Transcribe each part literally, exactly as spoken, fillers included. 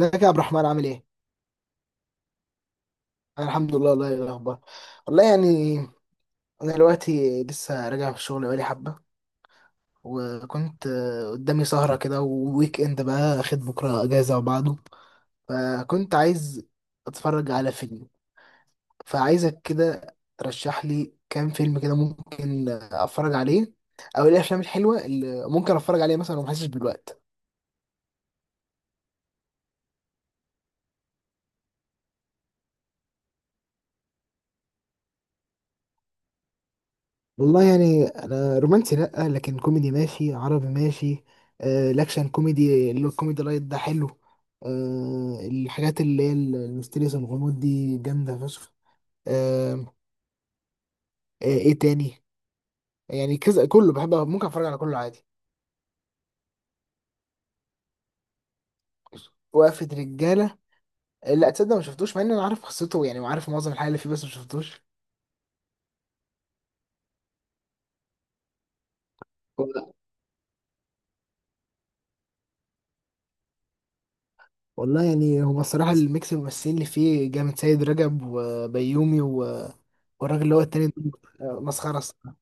ازيك يا عبد الرحمن، عامل ايه؟ انا الحمد لله. والله ايه الاخبار؟ والله يعني انا دلوقتي لسه راجع من الشغل بقالي حبه، وكنت آه، قدامي سهره كده، وويك اند، بقى اخد بكره اجازه وبعده. فكنت عايز اتفرج على فيلم، فعايزك كده ترشح لي كام فيلم كده ممكن اتفرج عليه، او ايه الافلام الحلوه اللي ممكن اتفرج عليها مثلا وما احسش بالوقت. والله يعني انا رومانسي لا، لكن كوميدي ماشي، عربي ماشي. آه الاكشن كوميدي، اللي هو الكوميدي لايت ده، حلو. آه الحاجات اللي هي الميستيريس، الغموض دي، جامده فشخ. آه آه ايه تاني؟ يعني كذا كله بحب، ممكن اتفرج على كله عادي. وقفة رجالة؟ آه، لا تصدق ما شفتوش، مع ان انا عارف قصته يعني وعارف معظم الحاجة اللي فيه، بس ما شفتوش. ولا- والله يعني هو الصراحة الميكس الممثلين اللي فيه جامد، سيد رجب وبيومي و- والراجل اللي هو التاني ده، آه، مسخرة الصراحة.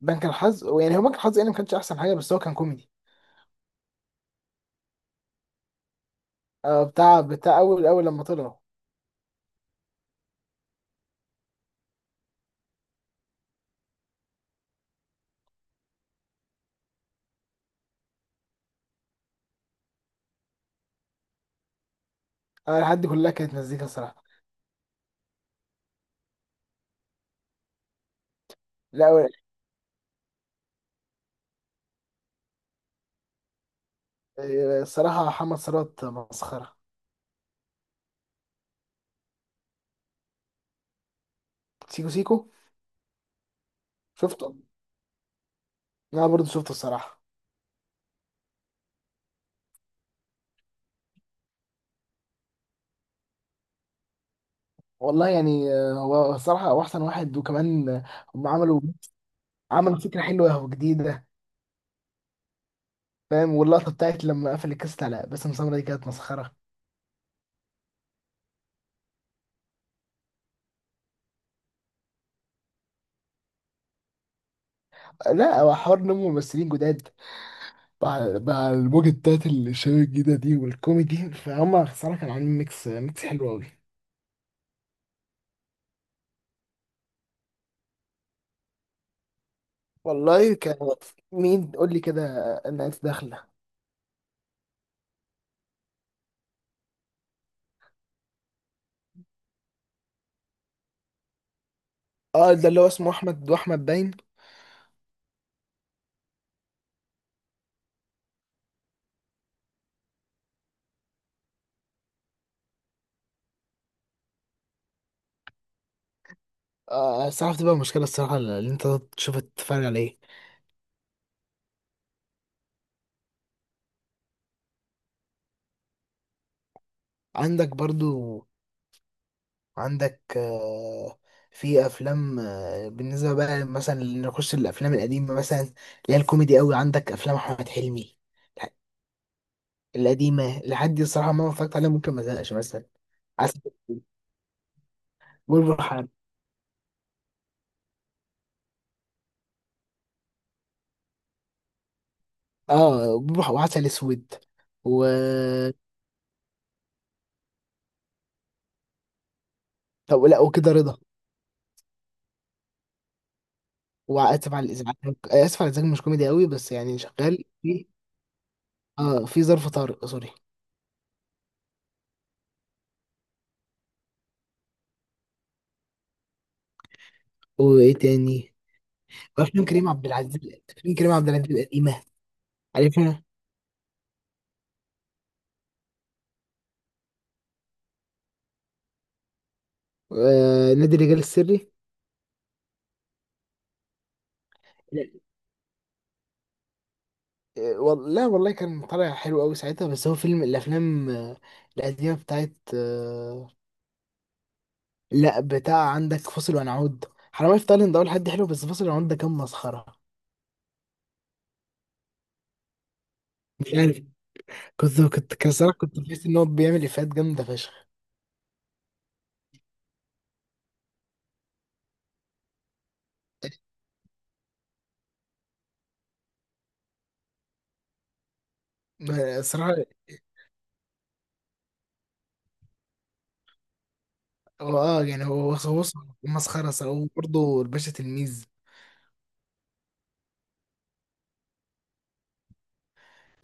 بنك الحظ، يعني هو بنك الحظ يعني ما كانش احسن حاجه، بس هو كان كوميدي. آه بتاع بتاع اول اول لما طلعوا، انا لحد كلها كانت مزيكا الصراحه. لا. آه، الصراحه محمد ثروت مسخره. سيكو سيكو؟ شفته. انا برضو شفته الصراحه. والله يعني آه، هو الصراحه، هو احسن واحد، وكمان آه، هم عملوا عملوا فكره حلوه وجديده، فاهم؟ واللقطه بتاعت لما قفل الكاست على باسم سمرة دي كانت مسخره. لا، هو حوار نمو ممثلين جداد، مع مع الموجة بتاعت الشباب الجديدة دي، والكوميدي، فهم صراحة كانوا عاملين ميكس ميكس حلو أوي. والله كان، مين قول لي كده، الناس داخله. اه، ده اللي هو اسمه أحمد وأحمد باين. آه الصراحة بتبقى مشكلة الصراحة اللي أنت تشوف تتفرج على إيه. عندك برضو، عندك، آه في أفلام، آه بالنسبة بقى مثلا نخش الأفلام القديمة، مثلا اللي هي الكوميدي أوي، عندك أفلام أحمد حلمي القديمة، لحد دي الصراحة ما اتفرجت عليها، ممكن ما زهقش مثلا. بوبوحة. اه، بوبوحة وعسل اسود. و طب لا، وكده رضا. واسف على الازعاج اسف على الازعاج مش كوميدي قوي بس يعني شغال، في اه في ظرف طارق سوري. وايه تاني؟ وافلام كريم عبد العزيز افلام كريم عبد العزيز القديمه، عارفها؟ آه، نادي الرجال السري. لا، آه، وال- لا والله كان طالع حلو قوي ساعتها، بس هو فيلم الافلام آه، القديمه بتاعت آه لا، بتاع عندك فاصل ونعود. حرامية في تايلاند ده اول حد حلو، بس فاصل ونعود ده كان مسخره. مش عارف، كنت كنت كان الصراحة كنت بحس إن هو بيعمل إفيهات جامدة فشخ. ما- الصراحة هو أه يعني هو هو مسخرة صراحة. وبرضه الباشا تلميذ.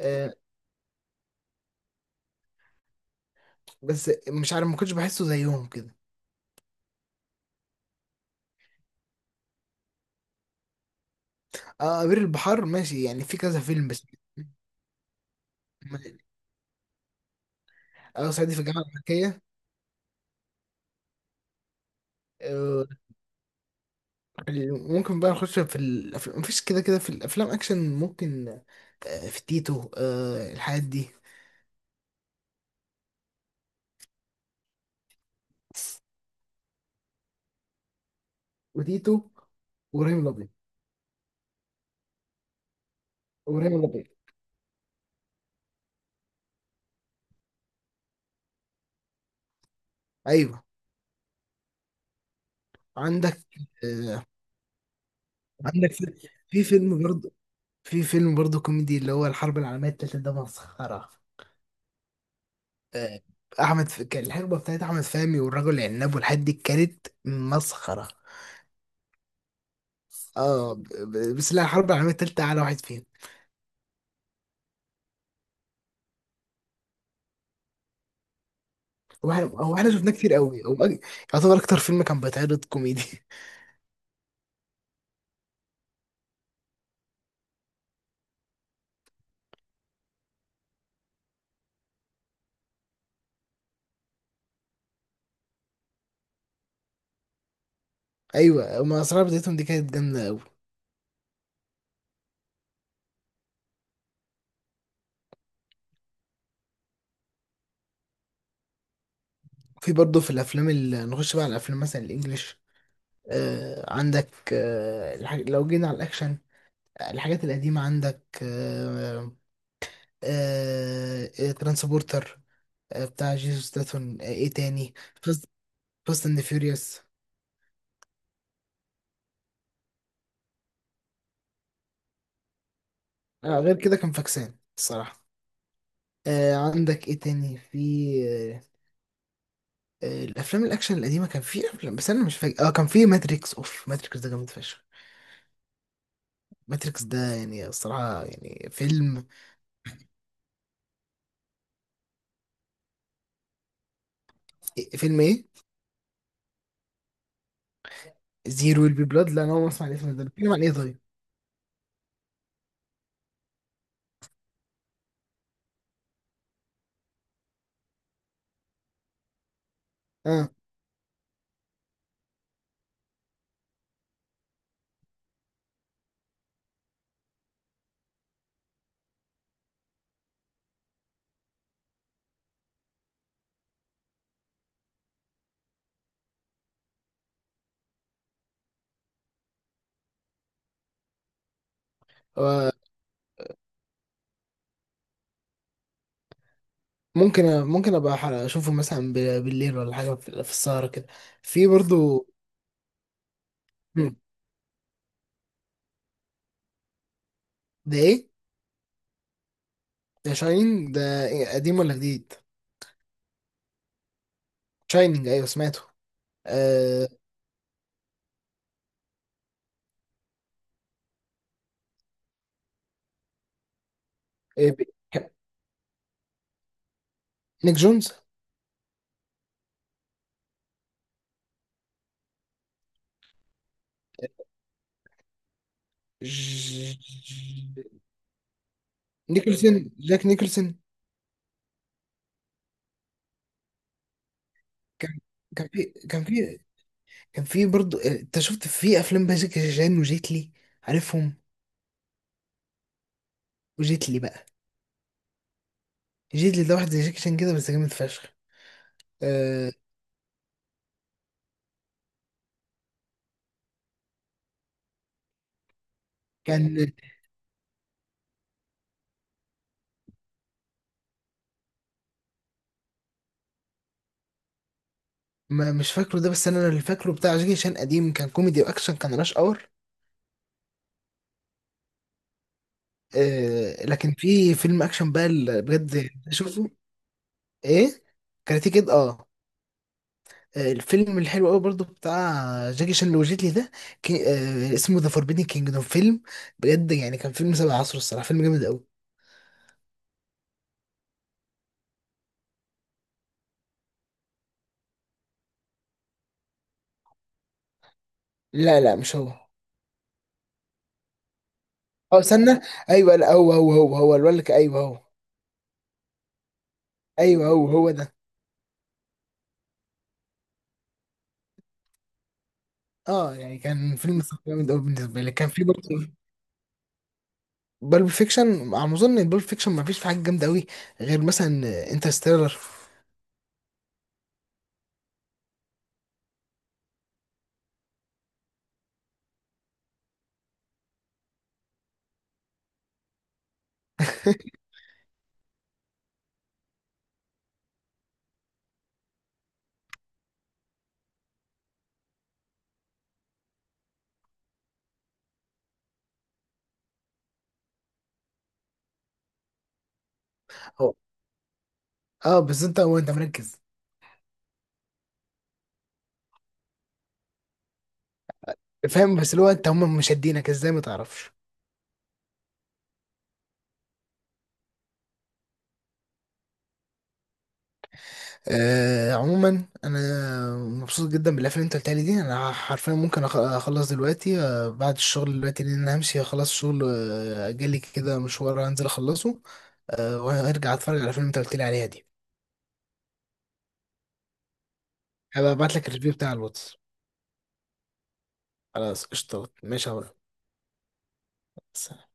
آه، بس مش عارف ما كنتش بحسه زيهم كده. أه، أمير البحار ماشي يعني، في كذا فيلم بس. ما- أه، صعيدي في الجامعة الأمريكية. آه ممكن بقى نخش في الأفلام، مفيش كده كده في الأفلام أكشن ممكن، آه في تيتو، آه الحاجات دي. وتيتو، وإبراهيم الأبيض، وإبراهيم الأبيض أيوه. عندك آه، عندك في في فيلم برضه، في فيلم برضه كوميدي اللي هو الحرب العالمية التالتة، ده مسخرة. آه، أحمد ف... كان الحقبة بتاعت أحمد فهمي والرجل العناب والحاجات دي كانت مسخرة. اه ب... ب- بس لا، الحرب العالمية التالتة أعلى واحد فيهم. هو إحنا هو إحنا شفناه كتير قوي، هو أج- يعتبر أكتر فيلم كان بيتعرض كوميدي. أيوة، هما أسرار بدايتهم دي كانت جامدة قوي. في برضه في الأفلام اللي نخش بقى على الأفلام، مثلا الإنجليش، آه عندك، آه الح... لو جينا على الأكشن، آه، الحاجات القديمة عندك، آه، آه آه، ترانسبورتر، آه بتاع جيسوس ستاثام. آه ايه تاني؟ فاست فاست اند فيوريوس. آه غير كده كان فاكسان الصراحة. آه عندك ايه تاني في، آه آه الافلام الاكشن القديمة كان في افلام بس انا مش فاكر. اه كان في ماتريكس، اوف ماتريكس ده جامد فشخ. ماتريكس ده يعني الصراحة يعني فيلم. إيه- فيلم ايه؟ زيرو ويل بي بلاد؟ لا، انا اول مرة اسمع الاسم ده، بيتكلم عن ايه طيب؟ اه. آه، ممكن ممكن ابقى أح- اشوفه مثلا، ب- بالليل ولا حاجة، في في السهرة كده. في برضو. ده ايه؟ ده شاينين ده. إيه؟ قديم ولا جديد؟ شاينينج؟ ايوه سمعته. آه... إيه ب- ك- نيك جونز؟ ج- نيكلسون، جاك نيكلسون. كان كان في كان في كان في برضه انت شفت في افلام بقى جاكي شان وجيتلي؟ عارفهم. وجيتلي بقى، جيتلي ده واحد زي جاكي شان كده بس جامد فشخ. آه... كان ما مش فاكره ده، بس انا اللي فاكره بتاع جاكي شان قديم كان كوميدي واكشن، كان راش اور. آه... لكن في فيلم اكشن بقى، اللي بجد شوفه ايه؟ كاراتيه كيد، اه. آه، الفيلم الحلو قوي برضو بتاع جاكي شان اللي وجيت لي ده، كي... آه اسمه ذا فوربيدن كينجدوم. فيلم بجد يعني كان فيلم سبع عصر الصراحه، فيلم جامد قوي. لا لا، مش هو. اه، استنى. ايوه لا، هو هو هو هو الولد، ك- ايوه هو. ايوه هو هو ده. اه يعني كان فيلم الصراحة جامد قوي بالنسبه لي. كان في برضه بالب فيكشن، على ما اظن ان بالب فيكشن ما فيش في حاجه جامده قوي غير مثلا انترستيلر. اه، بس انت هو انت مركز. فاهم؟ بس اللي هو انت هم مشدينك ازاي ما تعرفش. آه عموما انا مبسوط جدا بالافلام اللي انت قلتها لي دي. انا حرفيا ممكن أخ- اخلص دلوقتي آه بعد الشغل دلوقتي، لان انا همشي اخلص الشغل، آه جالي كده مشوار هنزل اخلصه، آه وهرجع اتفرج على الافلام اللي انت قلت لي عليها دي، هبقى ابعت لك الريفيو بتاع الواتس. خلاص قشطة، ماشي يا عمرو.